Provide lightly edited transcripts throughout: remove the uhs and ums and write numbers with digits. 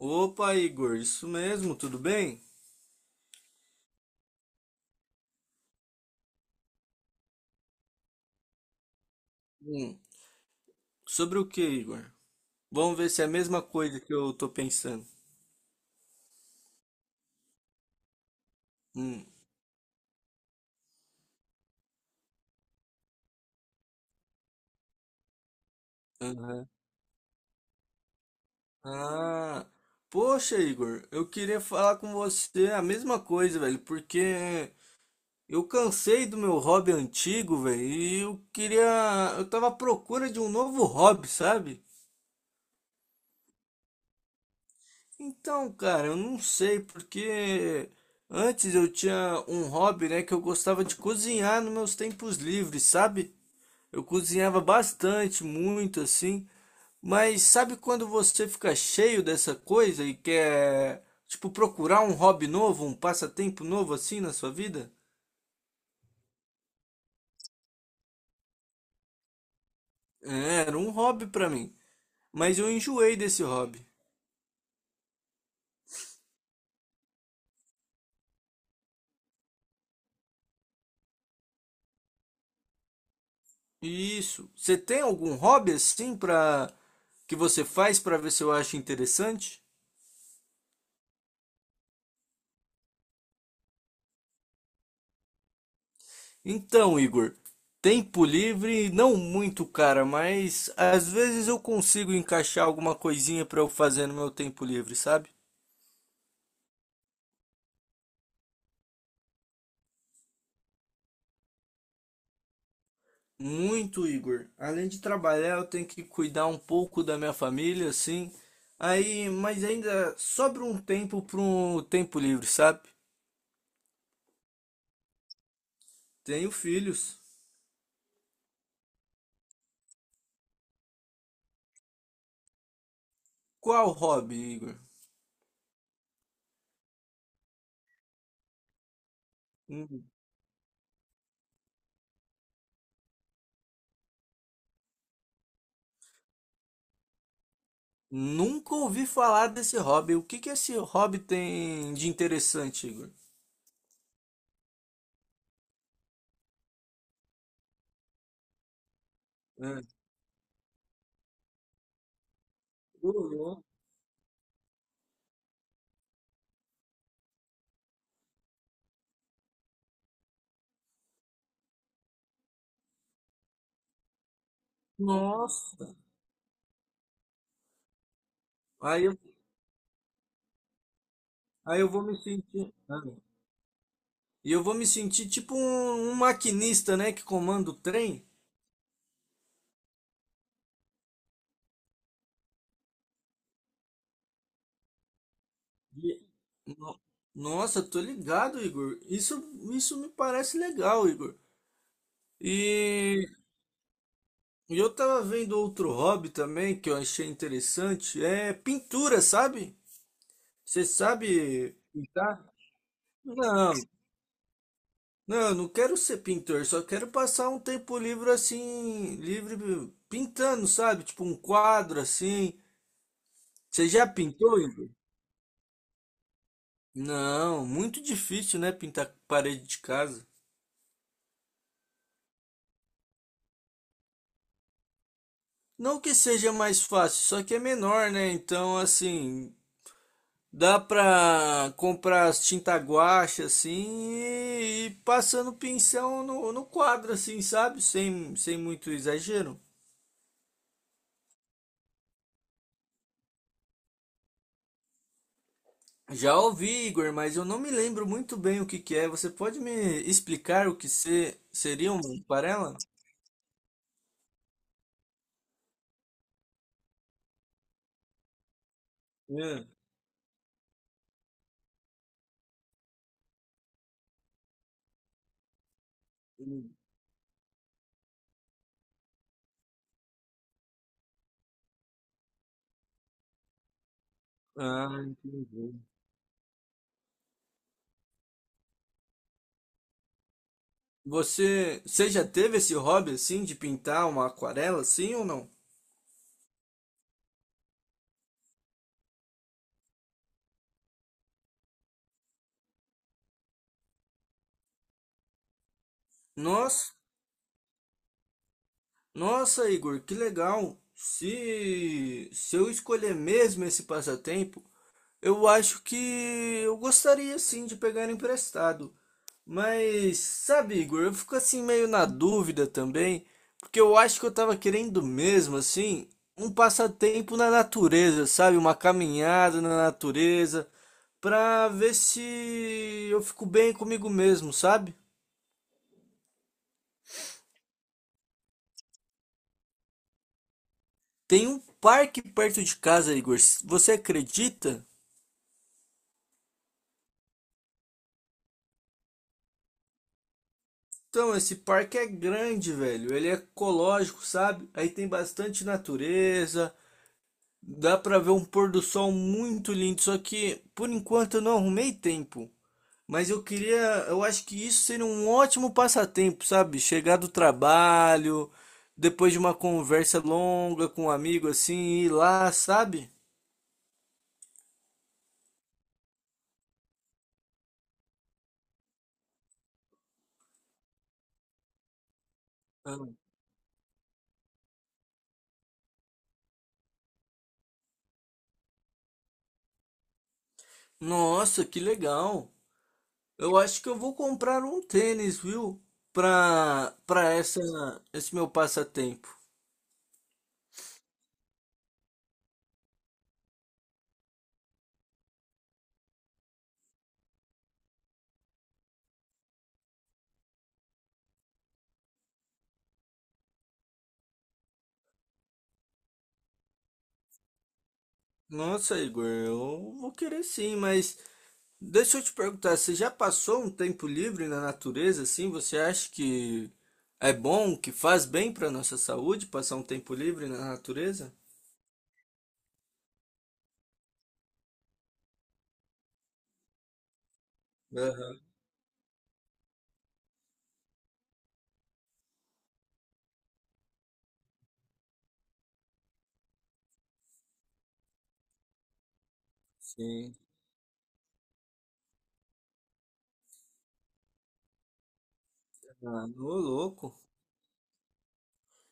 Opa, Igor, isso mesmo, tudo bem? Hum, sobre o que, Igor? Vamos ver se é a mesma coisa que eu tô pensando. Hum, aham. Ah, Poxa, Igor, eu queria falar com você a mesma coisa, velho, porque eu cansei do meu hobby antigo, velho, eu tava à procura de um novo hobby, sabe? Então, cara, eu não sei, porque antes eu tinha um hobby, né, que eu gostava de cozinhar nos meus tempos livres, sabe? Eu cozinhava bastante, muito assim, mas sabe quando você fica cheio dessa coisa e quer, tipo, procurar um hobby novo, um passatempo novo assim na sua vida? É, era um hobby pra mim, mas eu enjoei desse hobby. Isso. Você tem algum hobby assim pra que você faz pra ver se eu acho interessante? Então, Igor, tempo livre, não muito, cara, mas às vezes eu consigo encaixar alguma coisinha pra eu fazer no meu tempo livre, sabe? Muito, Igor. Além de trabalhar, eu tenho que cuidar um pouco da minha família, assim. Aí, mas ainda sobra um tempo para um tempo livre, sabe? Tenho filhos. Qual hobby, Igor? Hum, Nunca ouvi falar desse hobby. O que que esse hobby tem de interessante, Igor? É. Ô, louco. Nossa. Aí eu, aí eu vou me sentir. Ah, não. E eu vou me sentir tipo um maquinista, né, que comanda o trem. E- no- Nossa, tô ligado, Igor. Isso, isso me parece legal, Igor. E e eu tava vendo outro hobby também que eu achei interessante, é pintura, sabe? Você sabe pintar? Não, não, eu não quero ser pintor, só quero passar um tempo livre assim, livre pintando, sabe? Tipo um quadro assim. Você já pintou, Igor? Não, muito difícil, né, pintar parede de casa. Não que seja mais fácil, só que é menor, né? Então, assim, dá pra comprar as tinta guache, assim, e passando pincel no quadro, assim, sabe? Sem muito exagero. Já ouvi, Igor, mas eu não me lembro muito bem o que que é. Você pode me explicar o que se, seria uma aquarela? É. Ah, entendi. Você já teve esse hobby, assim, de pintar uma aquarela, assim ou não? Nossa. Nossa, Igor, que legal! Se eu escolher mesmo esse passatempo, eu acho que eu gostaria sim de pegar emprestado. Mas, sabe, Igor, eu fico assim meio na dúvida também, porque eu acho que eu tava querendo mesmo, assim, um passatempo na natureza, sabe? Uma caminhada na natureza, pra ver se eu fico bem comigo mesmo, sabe? Tem um parque perto de casa, Igor. Você acredita? Então, esse parque é grande, velho. Ele é ecológico, sabe? Aí tem bastante natureza. Dá pra ver um pôr do sol muito lindo. Só que, por enquanto, eu não arrumei tempo. Mas eu queria. Eu acho que isso seria um ótimo passatempo, sabe? Chegar do trabalho, depois de uma conversa longa com um amigo assim, ir lá, sabe? Ah, Nossa, que legal! Eu acho que eu vou comprar um tênis, viu? Pra, pra essa, esse meu passatempo. Nossa, Igor, eu vou querer sim, mas deixa eu te perguntar, você já passou um tempo livre na natureza, assim? Você acha que é bom, que faz bem para nossa saúde passar um tempo livre na natureza? Aham, sim. Ah, ô louco.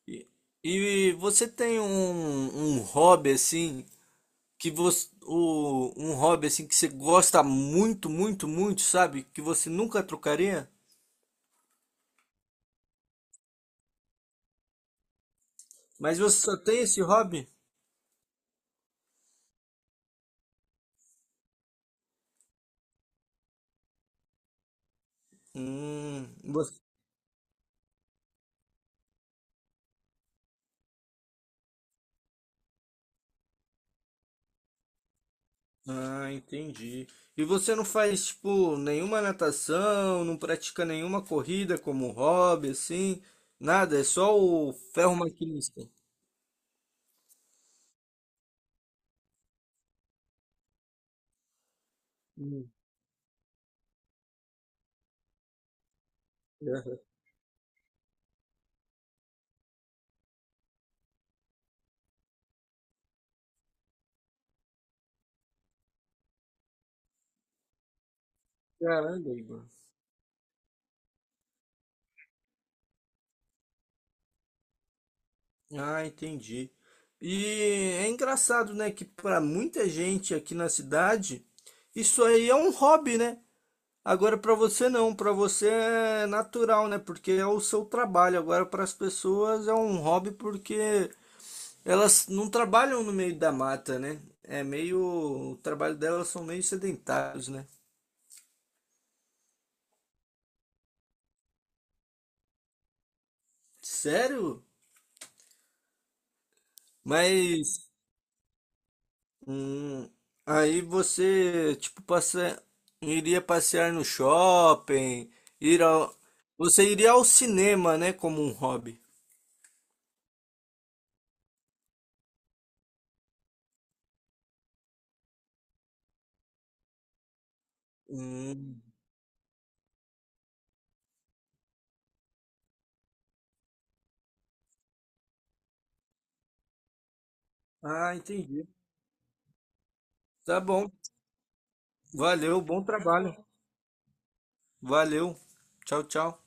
E, e você tem um hobby assim um hobby assim que você gosta muito, muito, muito, sabe? Que você nunca trocaria? Mas você só tem esse hobby? Hum, Ah, entendi. E você não faz, tipo, nenhuma natação, não pratica nenhuma corrida como hobby, assim? Nada, é só o ferro maquinista. Hum, aham. Caramba, Igor. Ah, entendi. E é engraçado, né, que para muita gente aqui na cidade, isso aí é um hobby, né? Agora para você não, para você é natural, né? Porque é o seu trabalho. Agora para as pessoas é um hobby porque elas não trabalham no meio da mata, né? É meio. O trabalho delas são meio sedentários, né? Sério? Mas. Hum, aí você, tipo, passa iria passear no shopping, ir ao. Você iria ao cinema, né? Como um hobby. Hum, Ah, entendi. Tá bom. Valeu, bom trabalho. Valeu. Tchau, tchau.